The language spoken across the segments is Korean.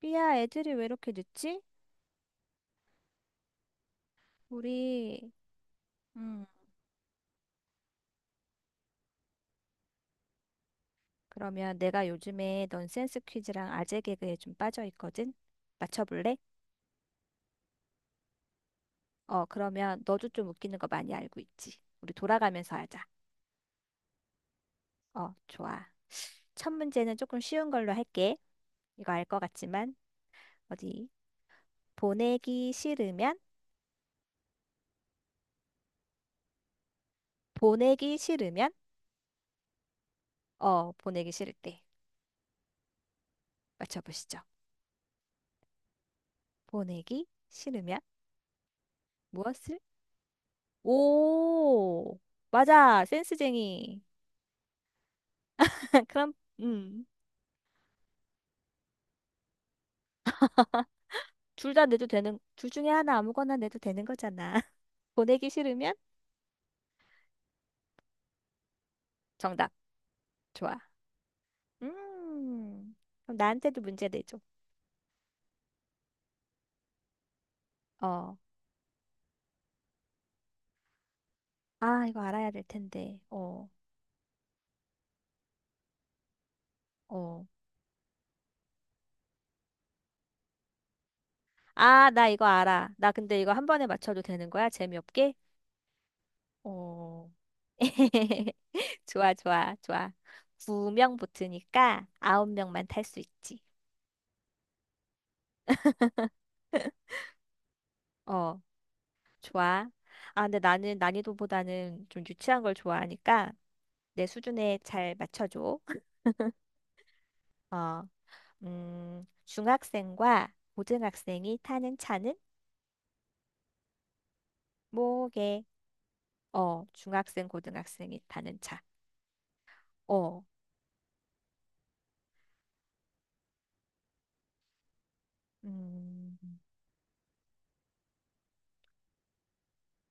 삐야, 애들이 왜 이렇게 늦지? 우리, 음, 그러면 내가 요즘에 넌센스 퀴즈랑 아재 개그에 좀 빠져 있거든? 맞춰볼래? 그러면 너도 좀 웃기는 거 많이 알고 있지? 우리 돌아가면서 하자. 어, 좋아. 첫 문제는 조금 쉬운 걸로 할게. 이거 알 것 같지만, 어디? 보내기 싫으면? 보내기 싫으면? 보내기 싫을 때. 맞춰보시죠. 보내기 싫으면 무엇을? 오! 맞아! 센스쟁이. 그럼, 음, 둘 다 내도 되는, 둘 중에 하나 아무거나 내도 되는 거잖아. 보내기 싫으면 정답. 좋아. 음, 그럼 나한테도 문제 내줘. 어. 아, 이거 알아야 될 텐데. 어, 어. 아, 나 이거 알아. 나 근데 이거 한 번에 맞춰도 되는 거야? 재미없게? 어. 좋아, 좋아, 좋아. 9명 붙으니까 아홉 명만 탈 수 있지. 어, 좋아. 아, 근데 나는 난이도보다는 좀 유치한 걸 좋아하니까 내 수준에 잘 맞춰줘. 어, 중학생과 고등학생이 타는 차는 뭐게? 어, 중학생, 고등학생이 타는 차. 어, 음,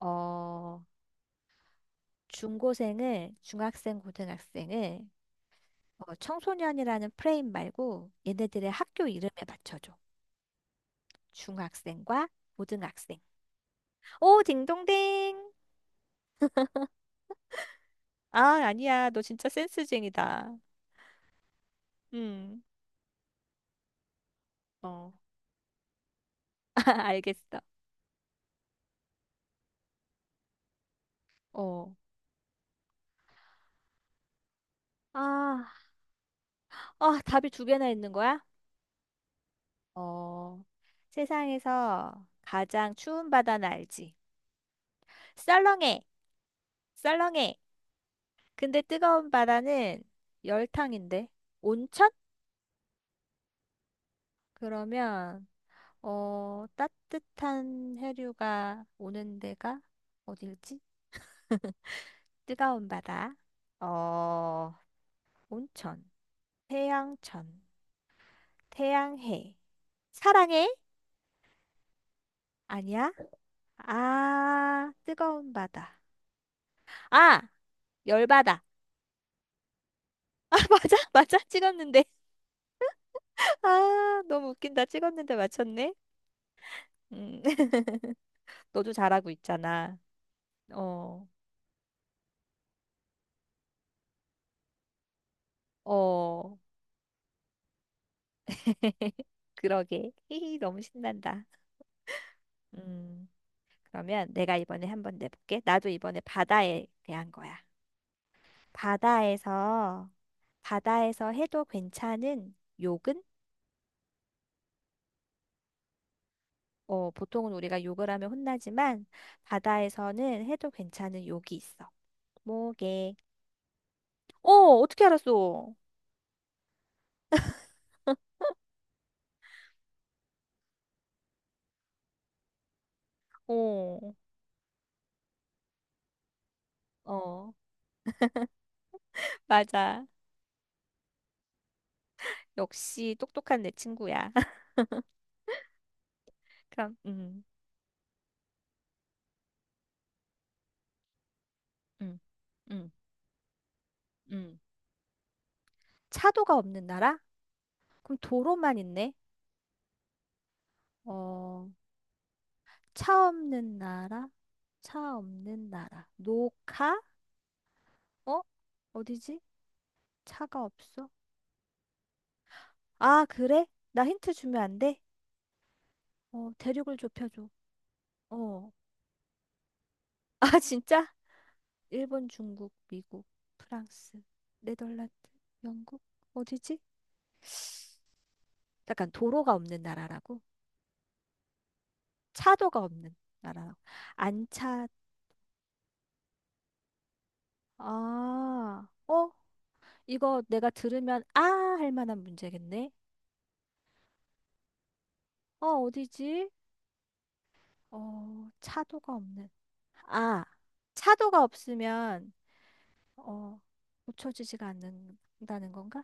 어, 중고생을, 중학생, 고등학생을 청소년이라는 프레임 말고 얘네들의 학교 이름에 맞춰줘. 중학생과 고등학생. 오, 딩동댕. 아, 아니야. 너 진짜 센스쟁이다. 음, 어, 알겠어. 어. 아, 아, 답이 두 개나 있는 거야? 어, 세상에서 가장 추운 바다는 알지? 썰렁해, 썰렁해. 근데 뜨거운 바다는 열탕인데? 온천? 그러면, 따뜻한 해류가 오는 데가 어딜지? 뜨거운 바다. 어, 온천. 태양천. 태양해. 사랑해? 아니야? 아, 뜨거운 바다. 아, 열바다. 아, 맞아? 맞아? 찍었는데. 아, 너무 웃긴다. 찍었는데 맞췄네. 음, 너도 잘하고 있잖아. 어, 어, 그러게. 히히, 너무 신난다. 음, 그러면 내가 이번에 한번 내볼게. 나도 이번에 바다에 대한 거야. 바다에서, 바다에서 해도 괜찮은 욕은? 보통은 우리가 욕을 하면 혼나지만, 바다에서는 해도 괜찮은 욕이 있어. 뭐게? 어, 어떻게 알았어? 어, 어. 맞아. 역시 똑똑한 내 친구야. 그럼, 음 음 음 차도가 없는 나라? 그럼 도로만 있네? 어, 차 없는 나라? 차 없는 나라. 노카? 어? 어디지? 차가 없어? 아, 그래? 나 힌트 주면 안 돼? 어, 대륙을 좁혀줘. 어. 아, 진짜? 일본, 중국, 미국, 프랑스, 네덜란드, 영국? 어디지? 약간 도로가 없는 나라라고? 차도가 없는 나라. 안차, 아, 어? 이거 내가 들으면 아! 할 만한 문제겠네. 어, 어디지? 어, 차도가 없는. 아, 차도가 없으면, 어, 고쳐지지가 않는다는 건가?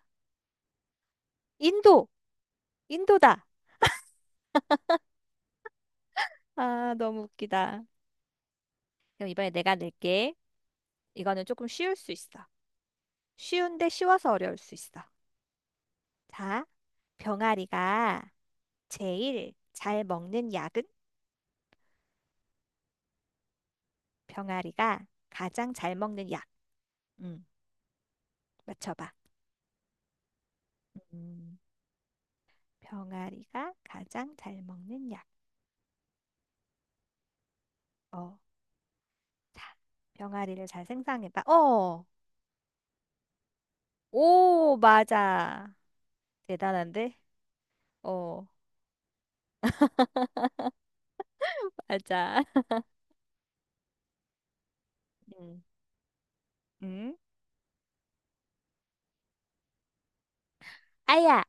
인도! 인도다! 아, 너무 웃기다. 그럼 이번에 내가 낼게. 이거는 조금 쉬울 수 있어. 쉬운데 쉬워서 어려울 수 있어. 자, 병아리가 제일 잘 먹는 약은? 병아리가 가장 잘 먹는 약. 음, 맞춰봐. 음, 병아리가 가장 잘 먹는 약. 어, 자, 병아리를 잘 생산해봐. 어, 오, 맞아. 대단한데? 어, 맞아. 음, 음? 아야!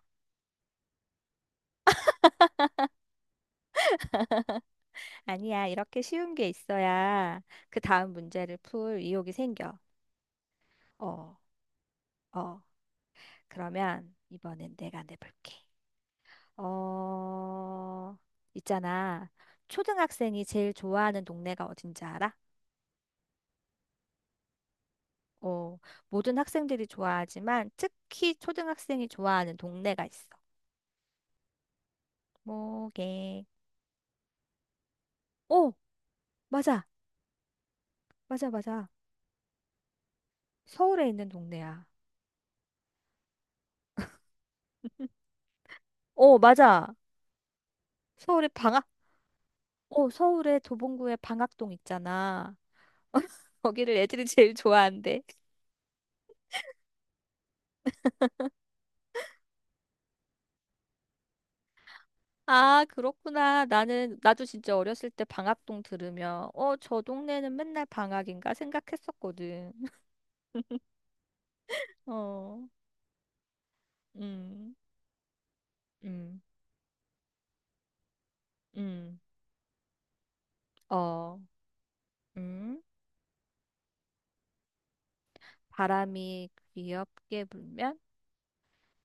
아니야, 이렇게 쉬운 게 있어야 그 다음 문제를 풀 의욕이 생겨. 어, 어. 그러면 이번엔 내가 내볼게. 어, 있잖아. 초등학생이 제일 좋아하는 동네가 어딘지 알아? 어, 모든 학생들이 좋아하지만 특히 초등학생이 좋아하는 동네가 있어. 뭐게? 어, 맞아. 맞아, 맞아. 서울에 있는 동네야. 어, 맞아. 서울의 방학, 어, 서울의 도봉구의 방학동 있잖아. 거기를 애들이 제일 좋아한대. 아, 그렇구나. 나는, 나도 진짜 어렸을 때 방학동 들으면, 어, 저 동네는 맨날 방학인가 생각했었거든. 어, 음, 음, 음, 어, 음. 바람이 귀엽게 불면,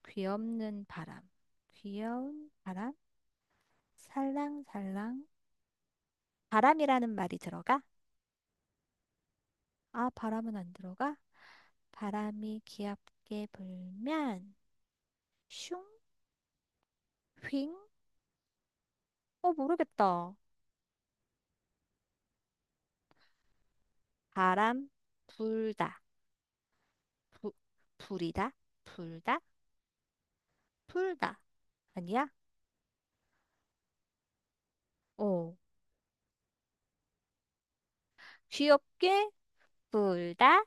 귀엽는 바람. 귀여운 바람? 살랑살랑. 바람이라는 말이 들어가? 아, 바람은 안 들어가? 바람이 귀엽게 불면, 슝, 휑? 어, 모르겠다. 바람 불다. 부, 불이다. 불다. 불다. 아니야? 어. 귀엽게 불다.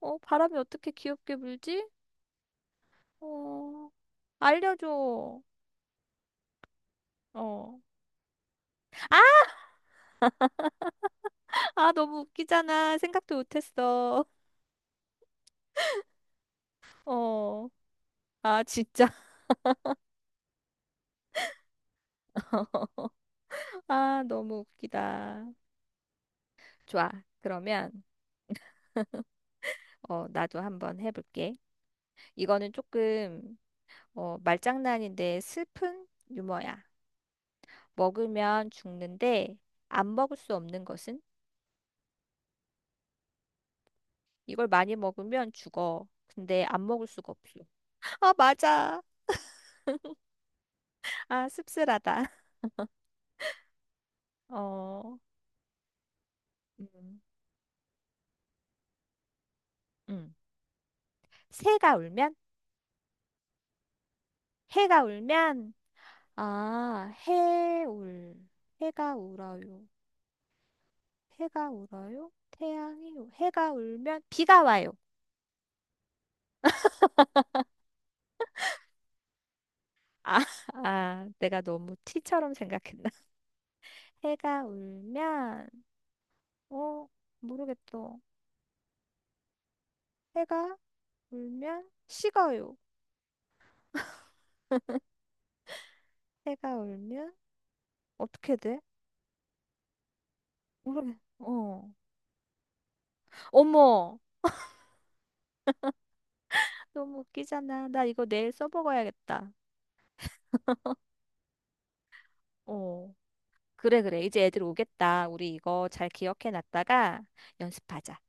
어, 바람이 어떻게 귀엽게 불지? 어. 알려줘. 어. 아, 아, 너무 웃기잖아. 생각도 못했어. 어. 아, 진짜. 아, 너무 웃기다. 좋아. 그러면, 나도 한번 해볼게. 이거는 조금, 말장난인데 슬픈 유머야. 먹으면 죽는데 안 먹을 수 없는 것은? 이걸 많이 먹으면 죽어. 근데 안 먹을 수가 없어. 아, 맞아. 아, 씁쓸하다. 어, 음, 음. 새가 울면? 해가 울면? 아, 해 울. 해가 울어요. 해가 울어요? 태양이 울- 해가 울면 비가 와요. 아, 아, 내가 너무 티처럼 생각했나? 해가 울면, 어, 모르겠어. 해가 울면 식어요. 해가 울면 어떻게 돼? 모르겠. 어. 어머. 너무 웃기잖아. 나 이거 내일 써먹어야겠다. 어. 그래, 그래. 이제 애들 오겠다. 우리 이거 잘 기억해 놨다가 연습하자.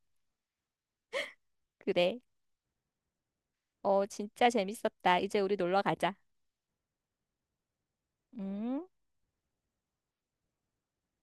그래. 어, 진짜 재밌었다. 이제 우리 놀러 가자. 응?